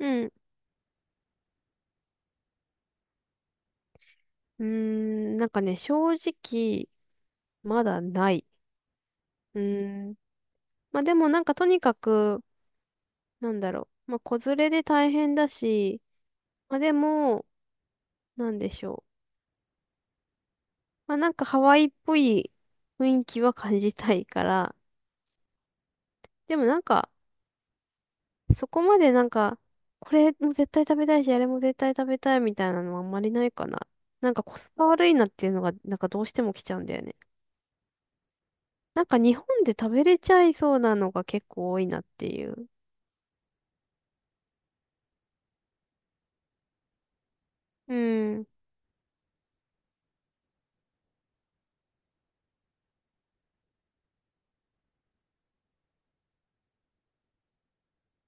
うん。うーん、なんかね、正直、まだない。うーん。まあでもなんかとにかく、なんだろう。まあ子連れで大変だし、まあでも、なんでしょう。まあなんかハワイっぽい雰囲気は感じたいから、でもなんか、そこまでなんか、これも絶対食べたいし、あれも絶対食べたいみたいなのはあんまりないかな。なんかコスパ悪いなっていうのが、なんかどうしても来ちゃうんだよね。なんか日本で食べれちゃいそうなのが結構多いなっていう。うん。うん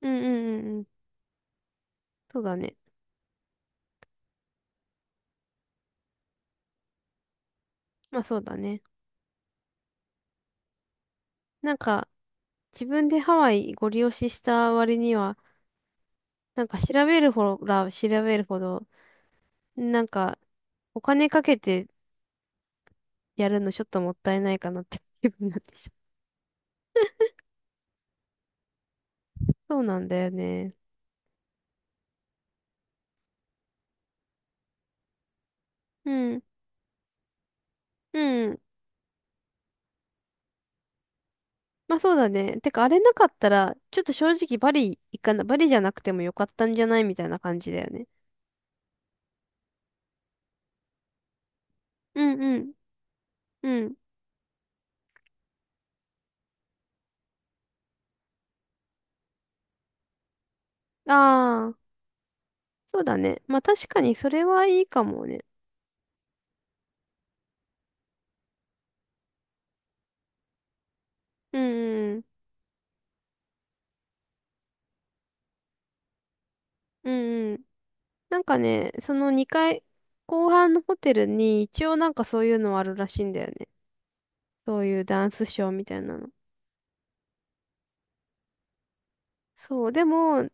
うんうんうん。そうだね。まあそうだね。なんか、自分でハワイご利用しした割には、なんか調べるほら調べるほど、なんか、お金かけてやるのちょっともったいないかなって気分になってしまう。そうなんだよね。うん。うん。まあそうだね。てか、あれなかったら、ちょっと正直バリ行かな、バリじゃなくてもよかったんじゃないみたいな感じだよね。うんうんうん。ああ、そうだね。まあ確かにそれはいいかもね。うんうんうんうん。なんかね、その2階、後半のホテルに一応なんかそういうのあるらしいんだよね。そういうダンスショーみたいなの。そう、でも、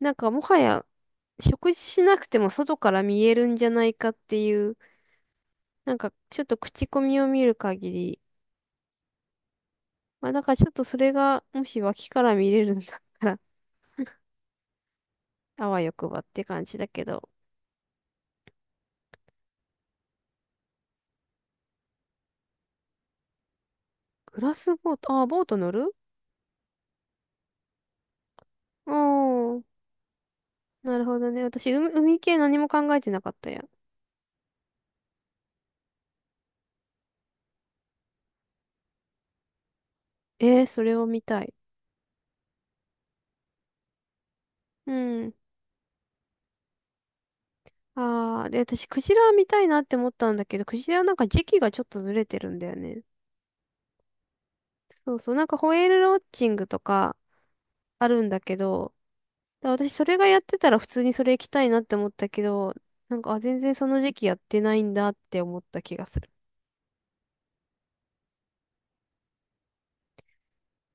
なんかもはや食事しなくても外から見えるんじゃないかっていう、なんかちょっと口コミを見る限り、まあだからちょっとそれがもし脇から見れるんだったら、あわよくばって感じだけど。グラスボート、ボート乗るおー、なるほどね。私、海系何も考えてなかったや。それを見たい。うん。ああ、で、私、クジラ見たいなって思ったんだけど、クジラなんか時期がちょっとずれてるんだよね。そうそう、なんかホエールウォッチングとかあるんだけど、だ私それがやってたら普通にそれ行きたいなって思ったけど、なんか、あ、全然その時期やってないんだって思った気がする。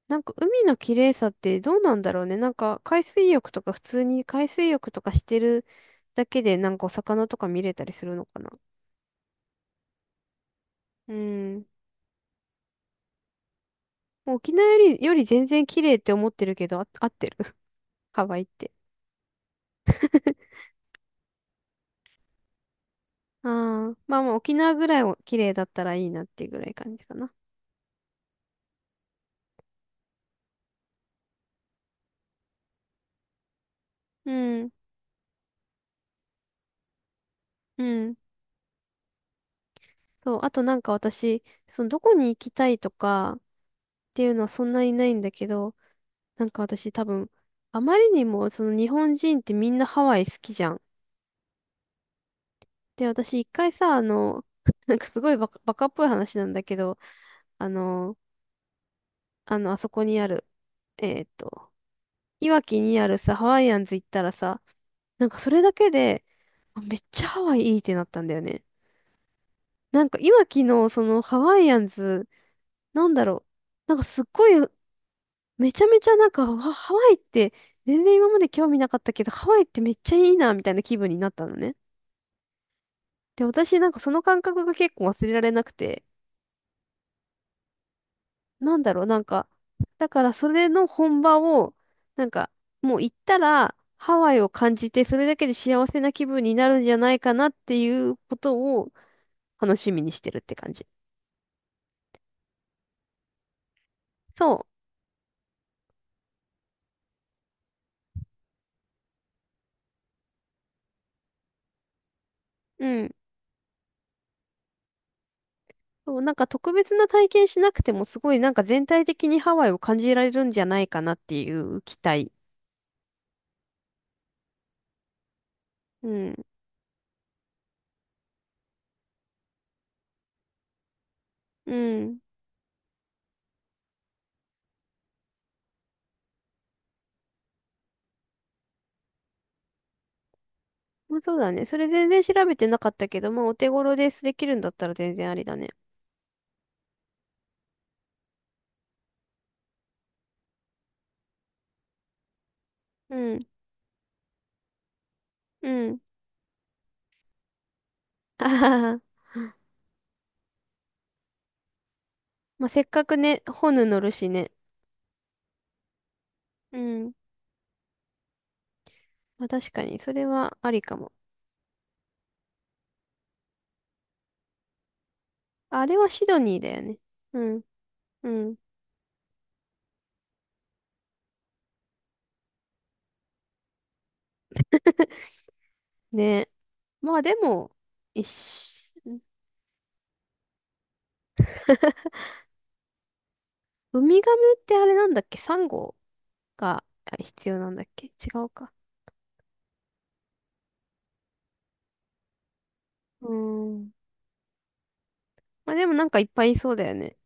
なんか海の綺麗さってどうなんだろうね。なんか海水浴とか普通に海水浴とかしてるだけでなんかお魚とか見れたりするのかな。うん。もう沖縄より、全然綺麗って思ってるけど、あ合ってるハワイって。ああ、まあまあ沖縄ぐらいを綺麗だったらいいなっていうぐらい感じかな。うん、うん。そう、あとなんか私、そのどこに行きたいとかっていうのはそんなにないんだけど、なんか私多分、あまりにもその日本人ってみんなハワイ好きじゃん。で、私一回さ、あの、なんかすごいバカっぽい話なんだけど、あの、あの、あそこにある、えーっと、いわきにあるさ、ハワイアンズ行ったらさ、なんかそれだけで、あめっちゃハワイいいってなったんだよね。なんか今昨日、そのハワイアンズ、なんだろう。なんかすっごい、めちゃめちゃなんか、わハワイって全然今まで興味なかったけど、ハワイってめっちゃいいな、みたいな気分になったのね。で、私なんかその感覚が結構忘れられなくて、なんだろう、なんか、だからそれの本場を、なんか、もう行ったら、ハワイを感じて、それだけで幸せな気分になるんじゃないかなっていうことを楽しみにしてるって感じ。そう。うん。そう、なんか特別な体験しなくてもすごいなんか全体的にハワイを感じられるんじゃないかなっていう期待。うん。うん。まあ、そうだね。それ全然調べてなかったけど、まあお手頃ですできるんだったら全然ありだね。うん。うん。あはは。まあせっかくね、ホヌ乗るしね。うん。まあ確かに、それはありかも。あれはシドニーだよね。うん。うん。ね。まあでも、一緒ウミガメってあれなんだっけサンゴが必要なんだっけ違うか。うーん。まあでもなんかいっぱいいそうだよね。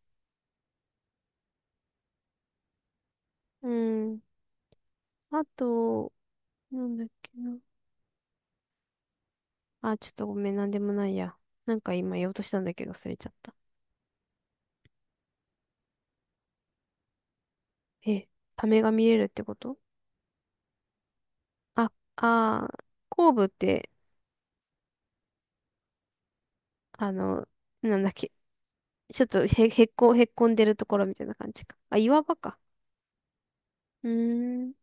うん。あと、なんだっけな。あ、ちょっとごめん、なんでもないや。なんか今言おうとしたんだけど忘れちゃった。え、サメが見れるってことあ、後部って、あの、なんだっけ。ちょっとへっこんでるところみたいな感じか。あ、岩場か。うーん。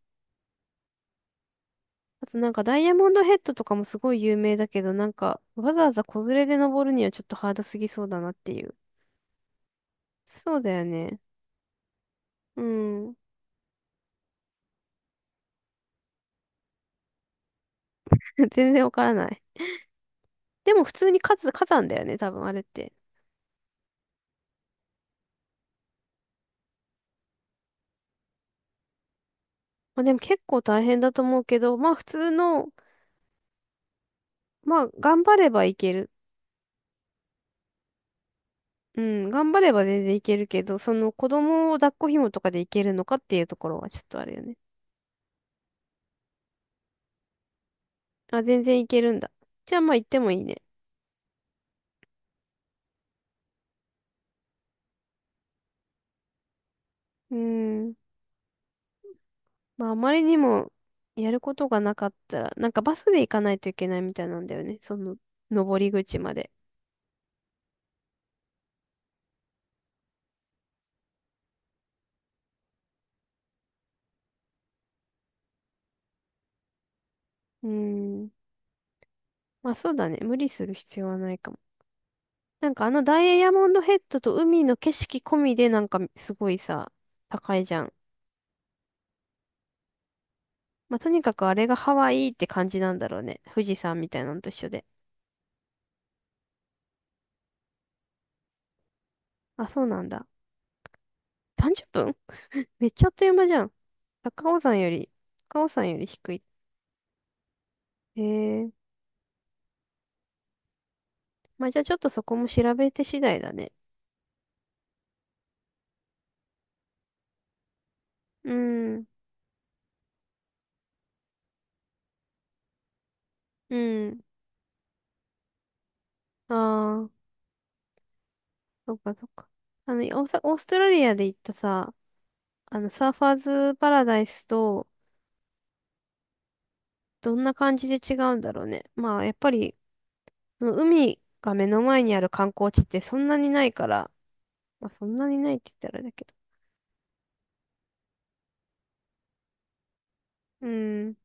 あとなんかダイヤモンドヘッドとかもすごい有名だけど、なんかわざわざ子連れで登るにはちょっとハードすぎそうだなっていう。そうだよね。うん。全然わからない。でも普通に火山、火山だよね、多分あれって。まあでも結構大変だと思うけど、まあ普通の、まあ頑張ればいける。うん、頑張れば全然いけるけど、その子供を抱っこ紐とかでいけるのかっていうところはちょっとあれよね。あ、全然いけるんだ。じゃあまあ行ってもいいね。うん。まああまりにもやることがなかったら、なんかバスで行かないといけないみたいなんだよね。その、登り口まで。うん。まあそうだね。無理する必要はないかも。なんかあのダイヤモンドヘッドと海の景色込みでなんかすごいさ、高いじゃん。まあ、とにかくあれがハワイって感じなんだろうね。富士山みたいなのと一緒で。あ、そうなんだ。30分めっちゃあっという間じゃん。高尾山より、高尾山より低い。へえ。まあ、じゃあちょっとそこも調べて次第だね。うん。うん。ああ、そっかそっか。あの、オーストラリアで行ったさ、あの、サーファーズパラダイスと、どんな感じで違うんだろうね。まあ、やっぱりその海が目の前にある観光地ってそんなにないから、まあそんなにないって言ったらあれだけど。うん。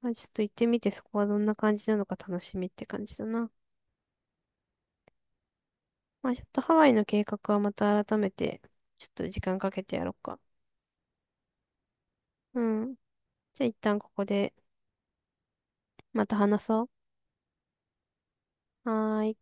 まあちょっと行ってみてそこはどんな感じなのか楽しみって感じだな。まあちょっとハワイの計画はまた改めて、ちょっと時間かけてやろうか。うん。じゃあ一旦ここでまた話そう。はーい。